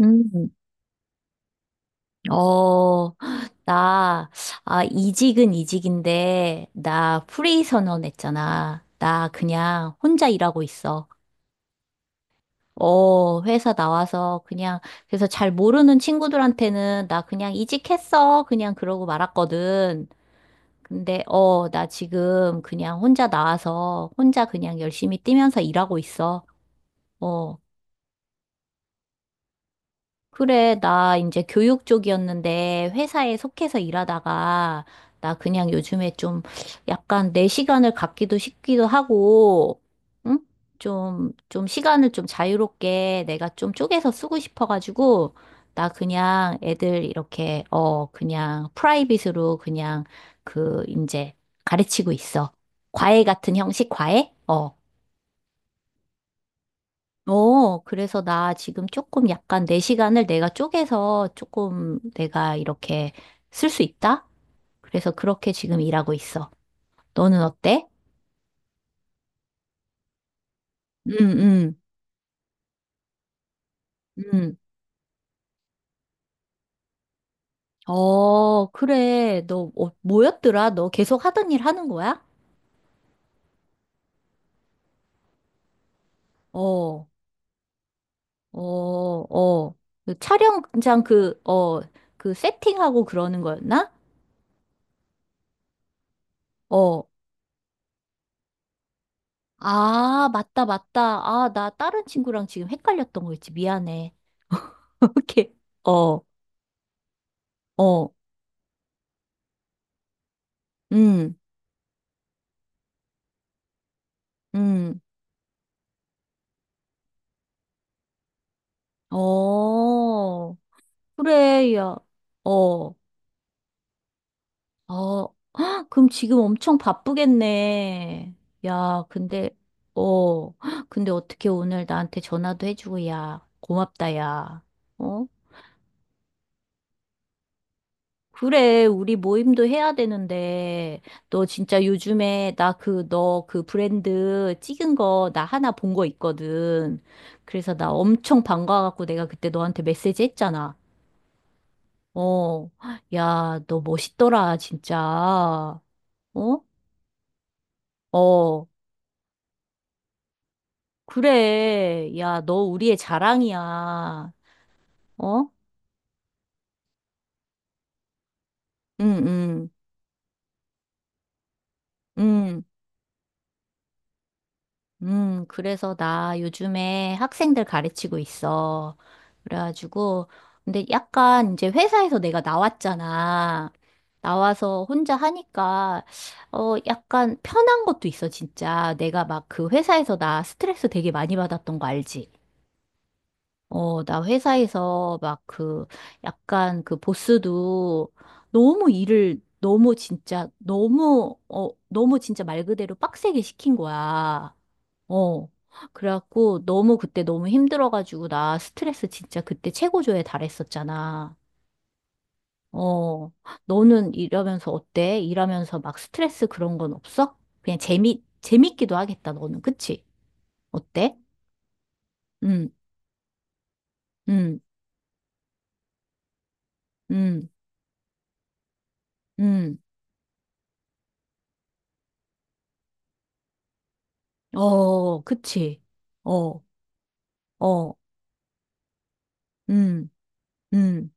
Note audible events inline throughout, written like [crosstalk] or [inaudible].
음, 어, 나, 이직은 이직인데, 나 프리 선언했잖아. 나 그냥 혼자 일하고 있어. 회사 나와서 그냥, 그래서 잘 모르는 친구들한테는 나 그냥 이직했어. 그냥 그러고 말았거든. 근데, 나 지금 그냥 혼자 나와서 혼자 그냥 열심히 뛰면서 일하고 있어. 어. 그래, 나 이제 교육 쪽이었는데 회사에 속해서 일하다가 나 그냥 요즘에 좀 약간 내 시간을 갖기도 싶기도 하고, 응? 좀 시간을 좀 자유롭게 내가 좀 쪼개서 쓰고 싶어가지고 나 그냥 애들 이렇게, 그냥 프라이빗으로 그냥 그 이제 가르치고 있어. 과외 같은 형식 과외? 어. 그래서 나 지금 조금 약간 내 시간을 내가 쪼개서 조금 내가 이렇게 쓸 수 있다? 그래서 그렇게 지금 일하고 있어. 너는 어때? 응, 응, 응. 그래. 너 뭐였더라? 너 계속 하던 일 하는 거야? 어, 어, 어. 그 촬영장 그, 그 세팅하고 그러는 거였나? 어. 아, 맞다, 맞다. 아, 나 다른 친구랑 지금 헷갈렸던 거 있지. 미안해. [laughs] 오케이. 어. 어. 음. 음. 어. 그래. 야. 어. 어. 헉, 그럼 지금 엄청 바쁘겠네. 야, 근데, 헉, 근데 어떻게 오늘 나한테 전화도 해주고, 야, 고맙다, 야. 어? 그래, 우리 모임도 해야 되는데, 너 진짜 요즘에 나 그, 너 그 브랜드 찍은 거 나 하나 본 거 있거든. 그래서 나 엄청 반가워갖고 내가 그때 너한테 메시지 했잖아. 어, 야, 너 멋있더라, 진짜. 어? 어, 그래. 야, 너 우리의 자랑이야. 어? 응, 응, 응, 응. 그래서 나 요즘에 학생들 가르치고 있어. 그래가지고, 근데 약간 이제 회사에서 내가 나왔잖아. 나와서 혼자 하니까, 어, 약간 편한 것도 있어, 진짜. 내가 막 그 회사에서 나 스트레스 되게 많이 받았던 거 알지? 나 회사에서 막 그, 약간 그 보스도 너무 일을 너무 진짜, 너무, 너무 진짜 말 그대로 빡세게 시킨 거야. 어. 그래갖고 너무 그때 너무 힘들어가지고 나 스트레스 진짜 그때 최고조에 달했었잖아. 어. 너는 이러면서 어때? 일하면서 막 스트레스 그런 건 없어? 그냥 재밌기도 하겠다, 너는. 그치? 어때? 응, 응, 응, 응. 어, 그치. 어. 어. 음. 음.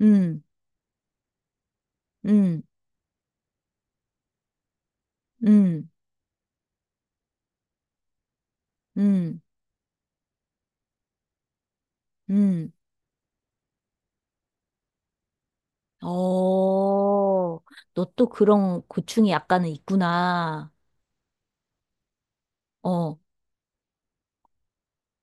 음. 음. 음. 음. 음. 어, 너 또 그런 고충이 약간은 있구나. 어,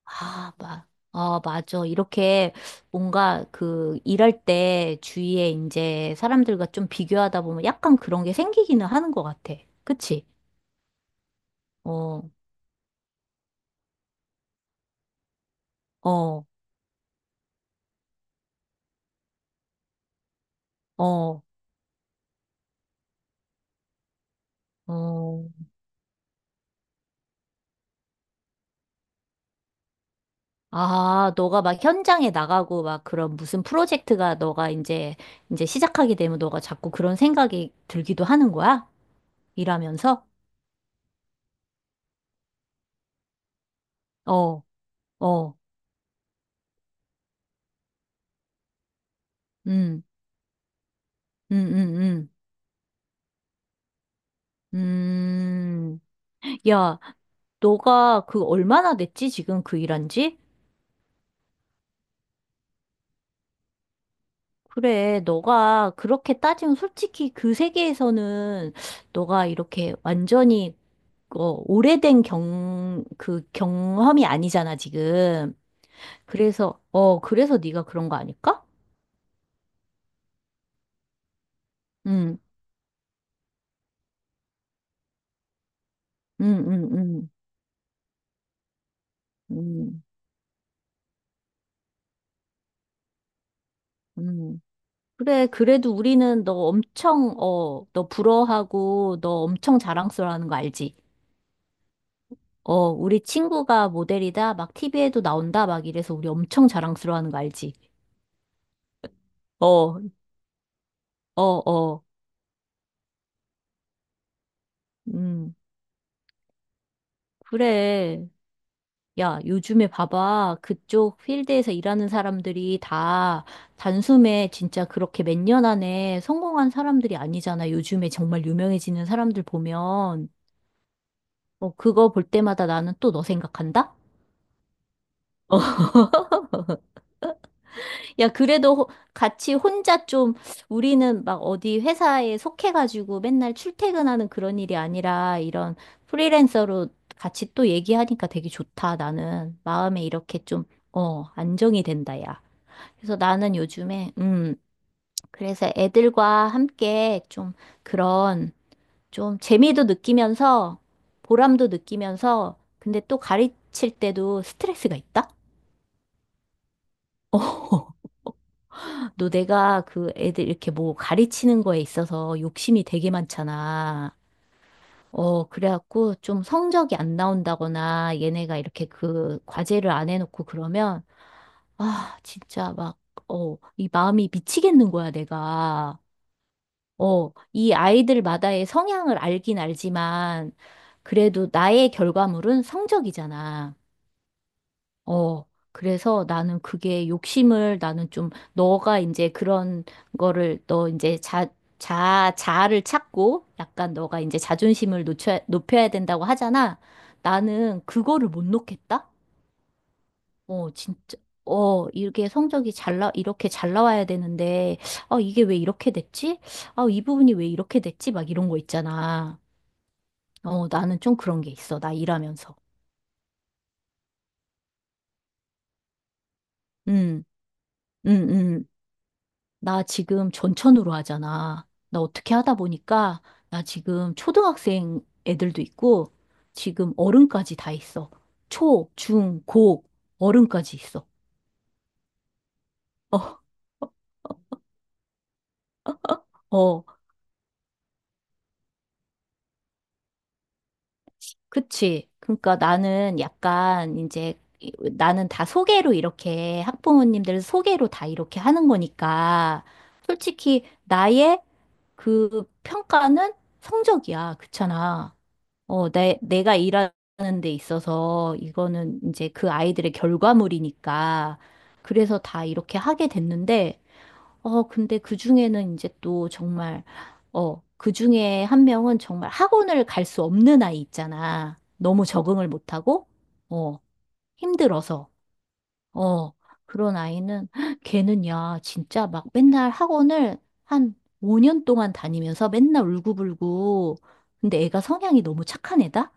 아, 아, 맞아. 이렇게 뭔가 그 일할 때 주위에 이제 사람들과 좀 비교하다 보면 약간 그런 게 생기기는 하는 것 같아. 그치? 어, 어, 어, 어. 아, 너가 막 현장에 나가고 막 그런 무슨 프로젝트가 너가 이제 시작하게 되면 너가 자꾸 그런 생각이 들기도 하는 거야? 일하면서? 어, 어, 음, 음, 음, 음, 음. 야, 너가 그 얼마나 됐지? 지금 그 일한 지? 그래, 너가 그렇게 따지면 솔직히 그 세계에서는 너가 이렇게 완전히 어, 오래된 그 경험이 아니잖아, 지금. 그래서, 그래서 네가 그런 거 아닐까? 응, 응, 응, 응, 응, 응. 그래, 그래도 우리는 너 엄청, 어, 너 부러워하고 너 엄청 자랑스러워하는 거 알지? 우리 친구가 모델이다, 막 TV에도 나온다, 막 이래서 우리 엄청 자랑스러워하는 거 알지? 어, 어, 어, 음, 그래. 야, 요즘에 봐봐. 그쪽 필드에서 일하는 사람들이 다 단숨에 진짜 그렇게 몇 년 안에 성공한 사람들이 아니잖아. 요즘에 정말 유명해지는 사람들 보면. 그거 볼 때마다 나는 또 너 생각한다? 야, 그래도 같이 혼자 좀 우리는 막 어디 회사에 속해가지고 맨날 출퇴근하는 그런 일이 아니라 이런 프리랜서로 같이 또 얘기하니까 되게 좋다. 나는 마음에 이렇게 좀, 안정이 된다, 야. 그래서 나는 요즘에, 그래서 애들과 함께 좀 그런, 좀 재미도 느끼면서, 보람도 느끼면서, 근데 또 가르칠 때도 스트레스가 있다? [laughs] 너 내가 그 애들 이렇게 뭐 가르치는 거에 있어서 욕심이 되게 많잖아. 그래갖고 좀 성적이 안 나온다거나 얘네가 이렇게 그 과제를 안 해놓고 그러면, 아, 진짜 막, 이 마음이 미치겠는 거야, 내가. 이 아이들마다의 성향을 알긴 알지만, 그래도 나의 결과물은 성적이잖아. 어, 그래서 나는 그게 욕심을 나는 좀, 너가 이제 그런 거를, 너 이제 자아를 찾고, 약간 너가 이제 자존심을 놓쳐, 높여야 된다고 하잖아. 나는 그거를 못 놓겠다? 어, 진짜, 이게 성적이 이렇게 잘 나와야 되는데, 아, 이게 왜 이렇게 됐지? 아, 이 부분이 왜 이렇게 됐지? 막 이런 거 있잖아. 어, 나는 좀 그런 게 있어. 나 일하면서. 음. 음. 음. 나 지금 전천후로 하잖아. 나 어떻게 하다 보니까, 나 지금 초등학생 애들도 있고, 지금 어른까지 다 있어. 초, 중, 고, 어른까지 있어. 어, 어. 그치. 그러니까 나는 약간 이제 나는 다 소개로 이렇게 학부모님들 소개로 다 이렇게 하는 거니까 솔직히 나의 그 평가는 성적이야. 그렇잖아. 어, 내가 일하는 데 있어서 이거는 이제 그 아이들의 결과물이니까 그래서 다 이렇게 하게 됐는데 근데 그 중에는 이제 또 정말, 그 중에 한 명은 정말 학원을 갈 수 없는 아이 있잖아. 너무 적응을 못하고, 어, 힘들어서, 어, 그런 아이는, 헉, 걔는 야, 진짜 막 맨날 학원을 한 5년 동안 다니면서 맨날 울고불고, 근데 애가 성향이 너무 착한 애다?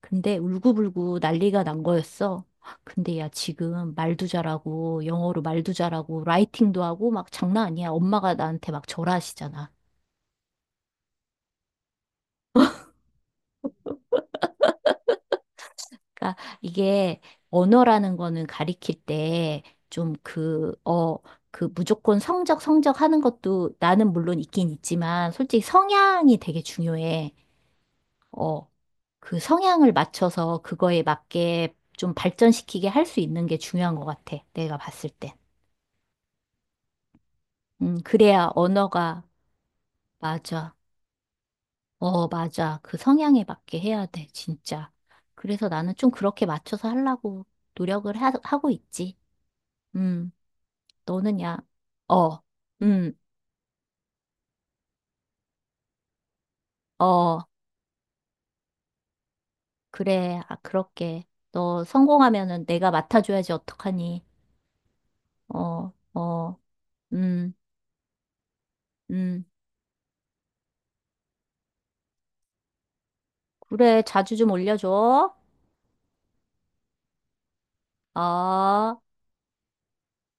근데 울고불고 난리가 난 거였어. 근데 야, 지금 말도 잘하고, 영어로 말도 잘하고, 라이팅도 하고, 막 장난 아니야. 엄마가 나한테 막 절하시잖아. 그러니까 이게 언어라는 거는 가리킬 때 좀 그, 그 무조건 성적, 성적 하는 것도 나는 물론 있긴 있지만, 솔직히 성향이 되게 중요해. 어, 그 성향을 맞춰서 그거에 맞게 좀 발전시키게 할 수 있는 게 중요한 것 같아. 내가 봤을 땐. 그래야 언어가 맞아. 어, 맞아. 그 성향에 맞게 해야 돼, 진짜. 그래서 나는 좀 그렇게 맞춰서 하려고 노력을 하고 있지. 음, 너는 야, 어, 음, 어, 그래. 아, 그렇게. 너 성공하면은 내가 맡아줘야지, 어떡하니. 어, 어, 음, 음. 그래, 자주 좀 올려줘. 어.